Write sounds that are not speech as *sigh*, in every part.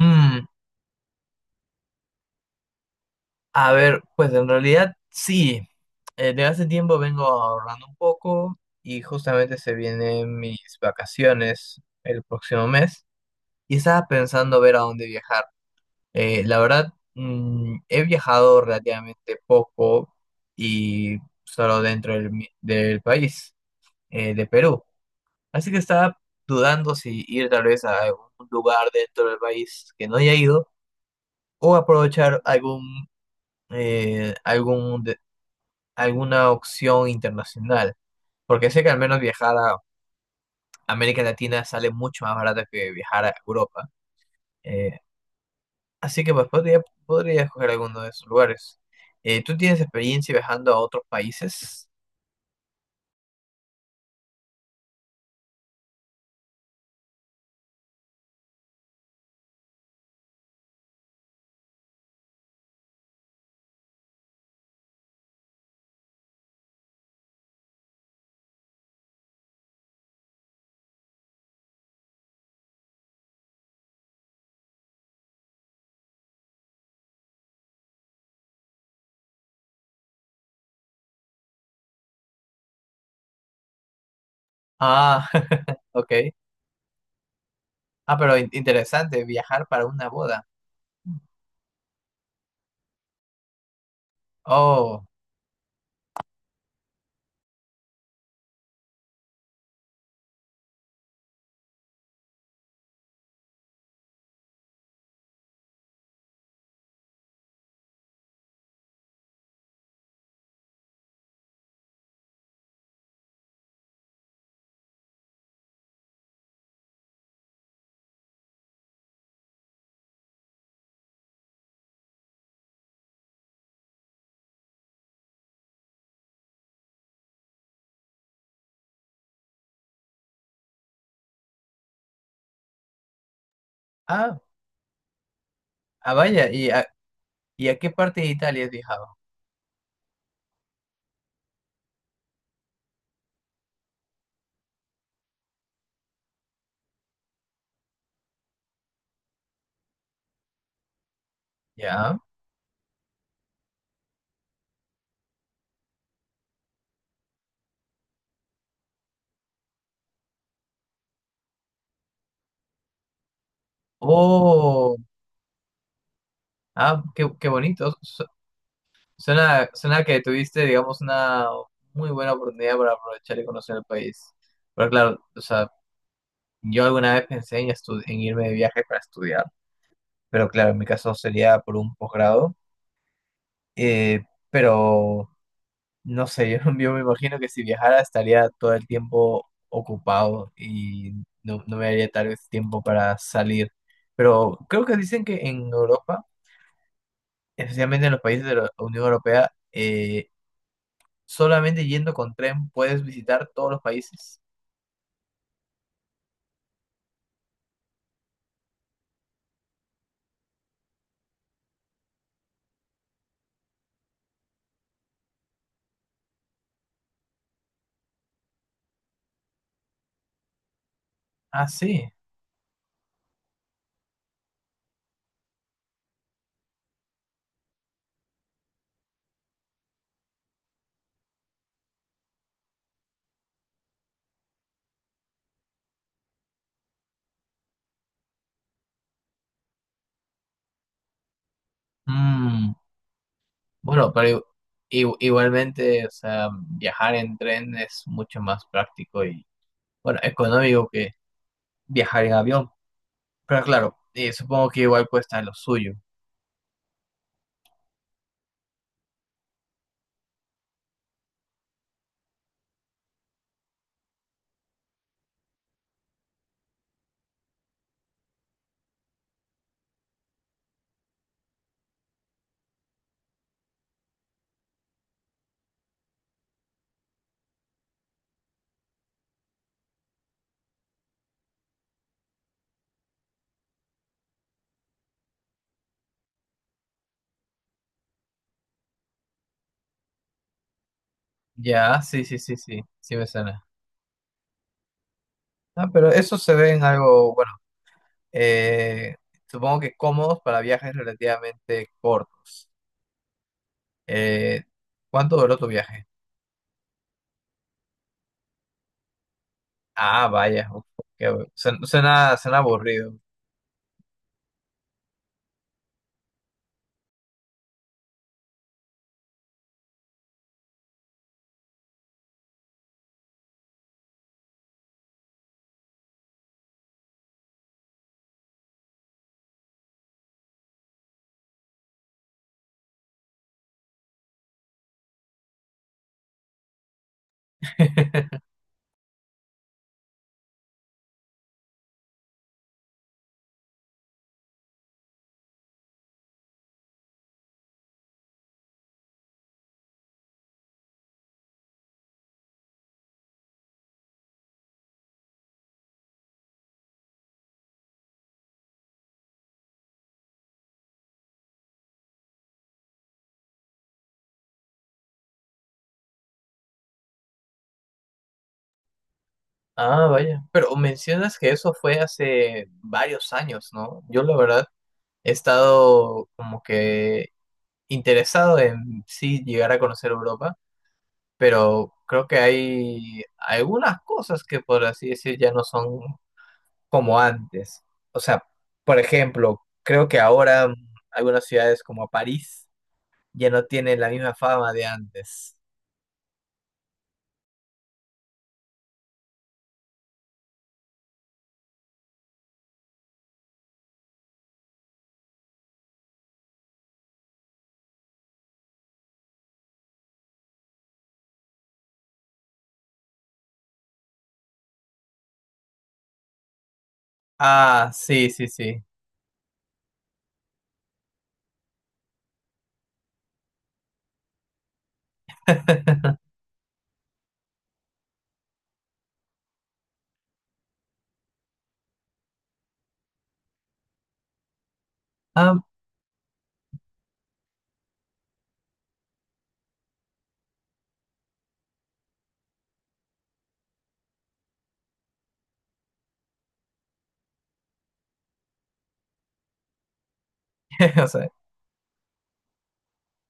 Mm, pues en realidad sí. De hace tiempo vengo ahorrando un poco y justamente se vienen mis vacaciones el próximo mes y estaba pensando ver a dónde viajar. La verdad, he viajado relativamente poco y solo dentro del país, de Perú. Así que estaba dudando si ir tal vez a algún lugar dentro del país que no haya ido o aprovechar algún, algún alguna opción internacional, porque sé que al menos viajar a América Latina sale mucho más barato que viajar a Europa. Eh, así que podría escoger alguno de esos lugares. ¿Tú tienes experiencia viajando a otros países? Ah, *laughs* ok. Ah, pero interesante, viajar para una boda. Oh, ah, ah, vaya, ¿Y a qué parte de Italia has viajado? Ya. Oh, ah, qué, qué bonito. So, suena, suena que tuviste, digamos, una muy buena oportunidad para aprovechar y conocer el país. Pero claro, o sea, yo alguna vez pensé en irme de viaje para estudiar, pero claro, en mi caso sería por un posgrado. Eh, pero no sé, *laughs* yo me imagino que si viajara estaría todo el tiempo ocupado y no, no me daría tal vez tiempo para salir. Pero creo que dicen que en Europa, especialmente en los países de la Unión Europea, solamente yendo con tren puedes visitar todos los países. Ah, sí. Mm, bueno, pero igualmente, o sea, viajar en tren es mucho más práctico y, bueno, económico que viajar en avión. Pero claro, supongo que igual cuesta lo suyo. Ya, sí, sí, sí, sí, sí me suena. Ah, pero eso se ve en algo, eh, supongo que cómodos para viajes relativamente cortos. Eh, ¿Cuánto duró tu viaje? Ah, vaya, uf, qué suena, suena aburrido. *laughs* Ah, vaya. Pero mencionas que eso fue hace varios años, ¿no? Yo la verdad he estado como que interesado en sí llegar a conocer Europa, pero creo que hay algunas cosas que por así decir ya no son como antes. O sea, por ejemplo, creo que ahora algunas ciudades como París ya no tienen la misma fama de antes. Ah, sí, sí, sí. Ah, *laughs* o sea,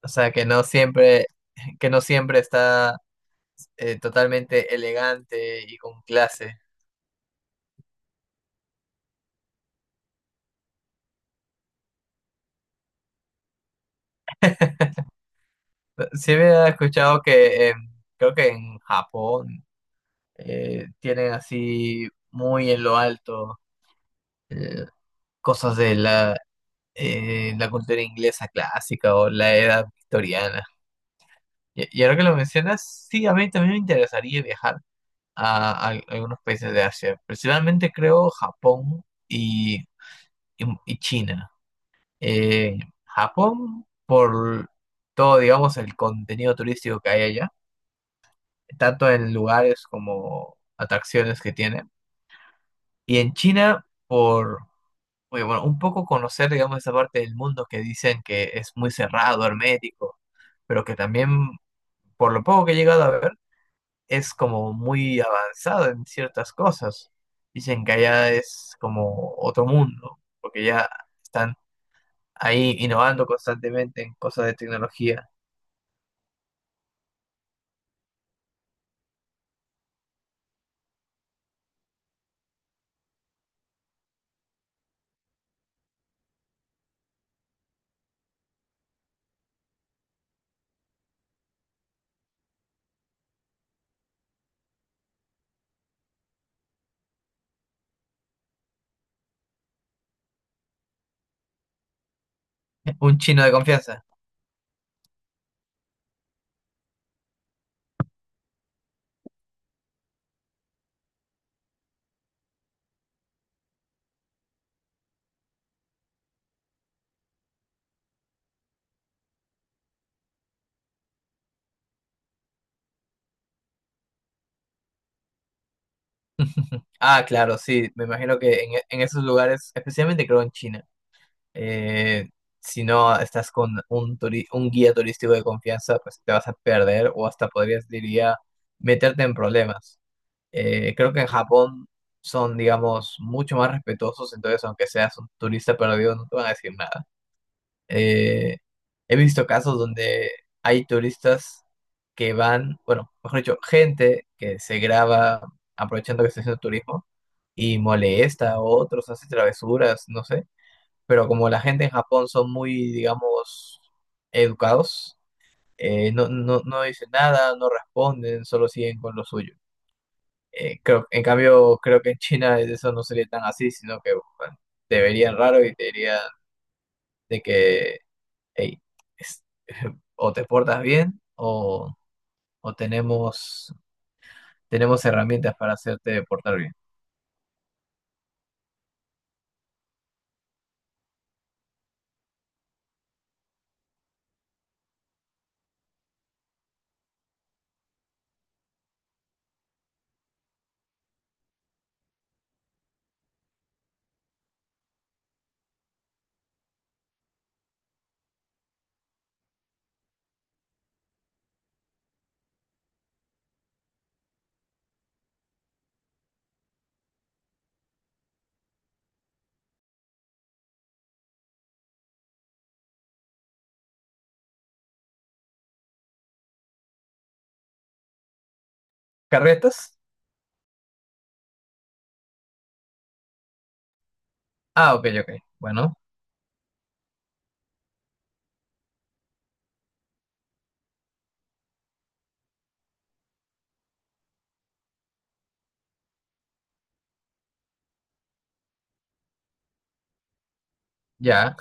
o sea, que no siempre está totalmente elegante y con clase. Sí había escuchado que creo que en Japón tienen así muy en lo alto eh, cosas de la cultura inglesa clásica o la edad victoriana. Y ahora que lo mencionas, sí, a mí también me interesaría viajar a algunos países de Asia, principalmente creo Japón y China. Eh, Japón, por todo, digamos, el contenido turístico que hay allá, tanto en lugares como atracciones que tiene. Y en China, por, oye, bueno, un poco conocer, digamos, esa parte del mundo que dicen que es muy cerrado, hermético, pero que también, por lo poco que he llegado a ver, es como muy avanzado en ciertas cosas. Dicen que allá es como otro mundo, porque ya están ahí innovando constantemente en cosas de tecnología. *laughs* Un chino de confianza. Ah, claro, sí, me imagino que en esos lugares, especialmente creo en China, eh, si no estás con un, un guía turístico de confianza, pues te vas a perder o hasta podrías, diría, meterte en problemas. Creo que en Japón son, digamos, mucho más respetuosos, entonces aunque seas un turista perdido, no te van a decir nada. Eh, he visto casos donde hay turistas que van, bueno, mejor dicho, gente que se graba aprovechando que está haciendo turismo y molesta a otros, hace travesuras, no sé. Pero como la gente en Japón son muy, digamos, educados, no, no, no dicen nada, no responden, solo siguen con lo suyo. En cambio, creo que en China eso no sería tan así, sino que bueno, te verían raro y te dirían de que Ey, es- *laughs* o te portas bien o, o tenemos, tenemos herramientas para hacerte portar bien. ¿Carretas? Ah, ok, ok. Bueno, ya.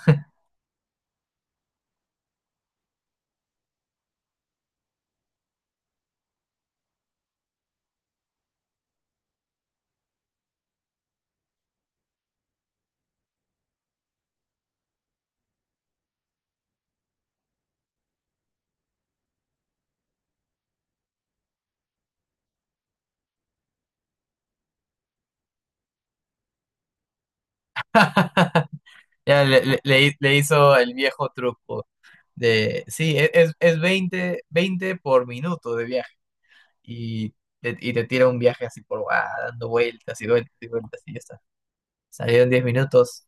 Ya le hizo el viejo truco de, sí, es 20 20 por minuto de viaje y y te tira un viaje así por, ah, dando vueltas y vueltas y vueltas y ya está. Salieron 10 minutos.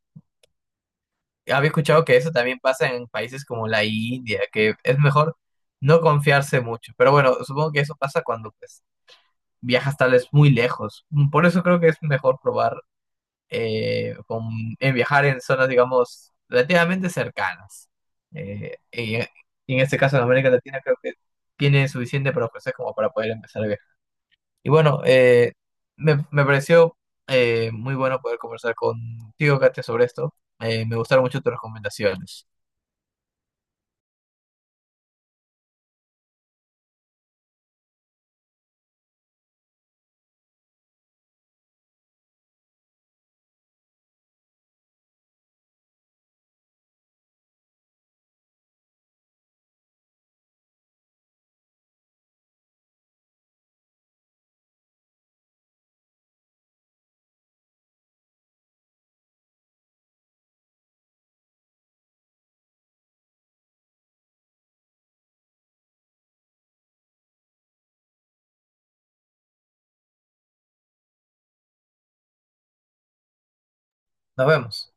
Había escuchado que eso también pasa en países como la India, que es mejor no confiarse mucho. Pero bueno, supongo que eso pasa cuando pues viajas tal vez muy lejos. Mm, por eso creo que es mejor probar eh, con, en viajar en zonas, digamos, relativamente cercanas. Eh, y, y en este caso en América Latina creo que tiene suficiente para ofrecer como para poder empezar a viajar. Y bueno, me pareció muy bueno poder conversar contigo, Katia, sobre esto. Me gustaron mucho tus recomendaciones. Nos vemos.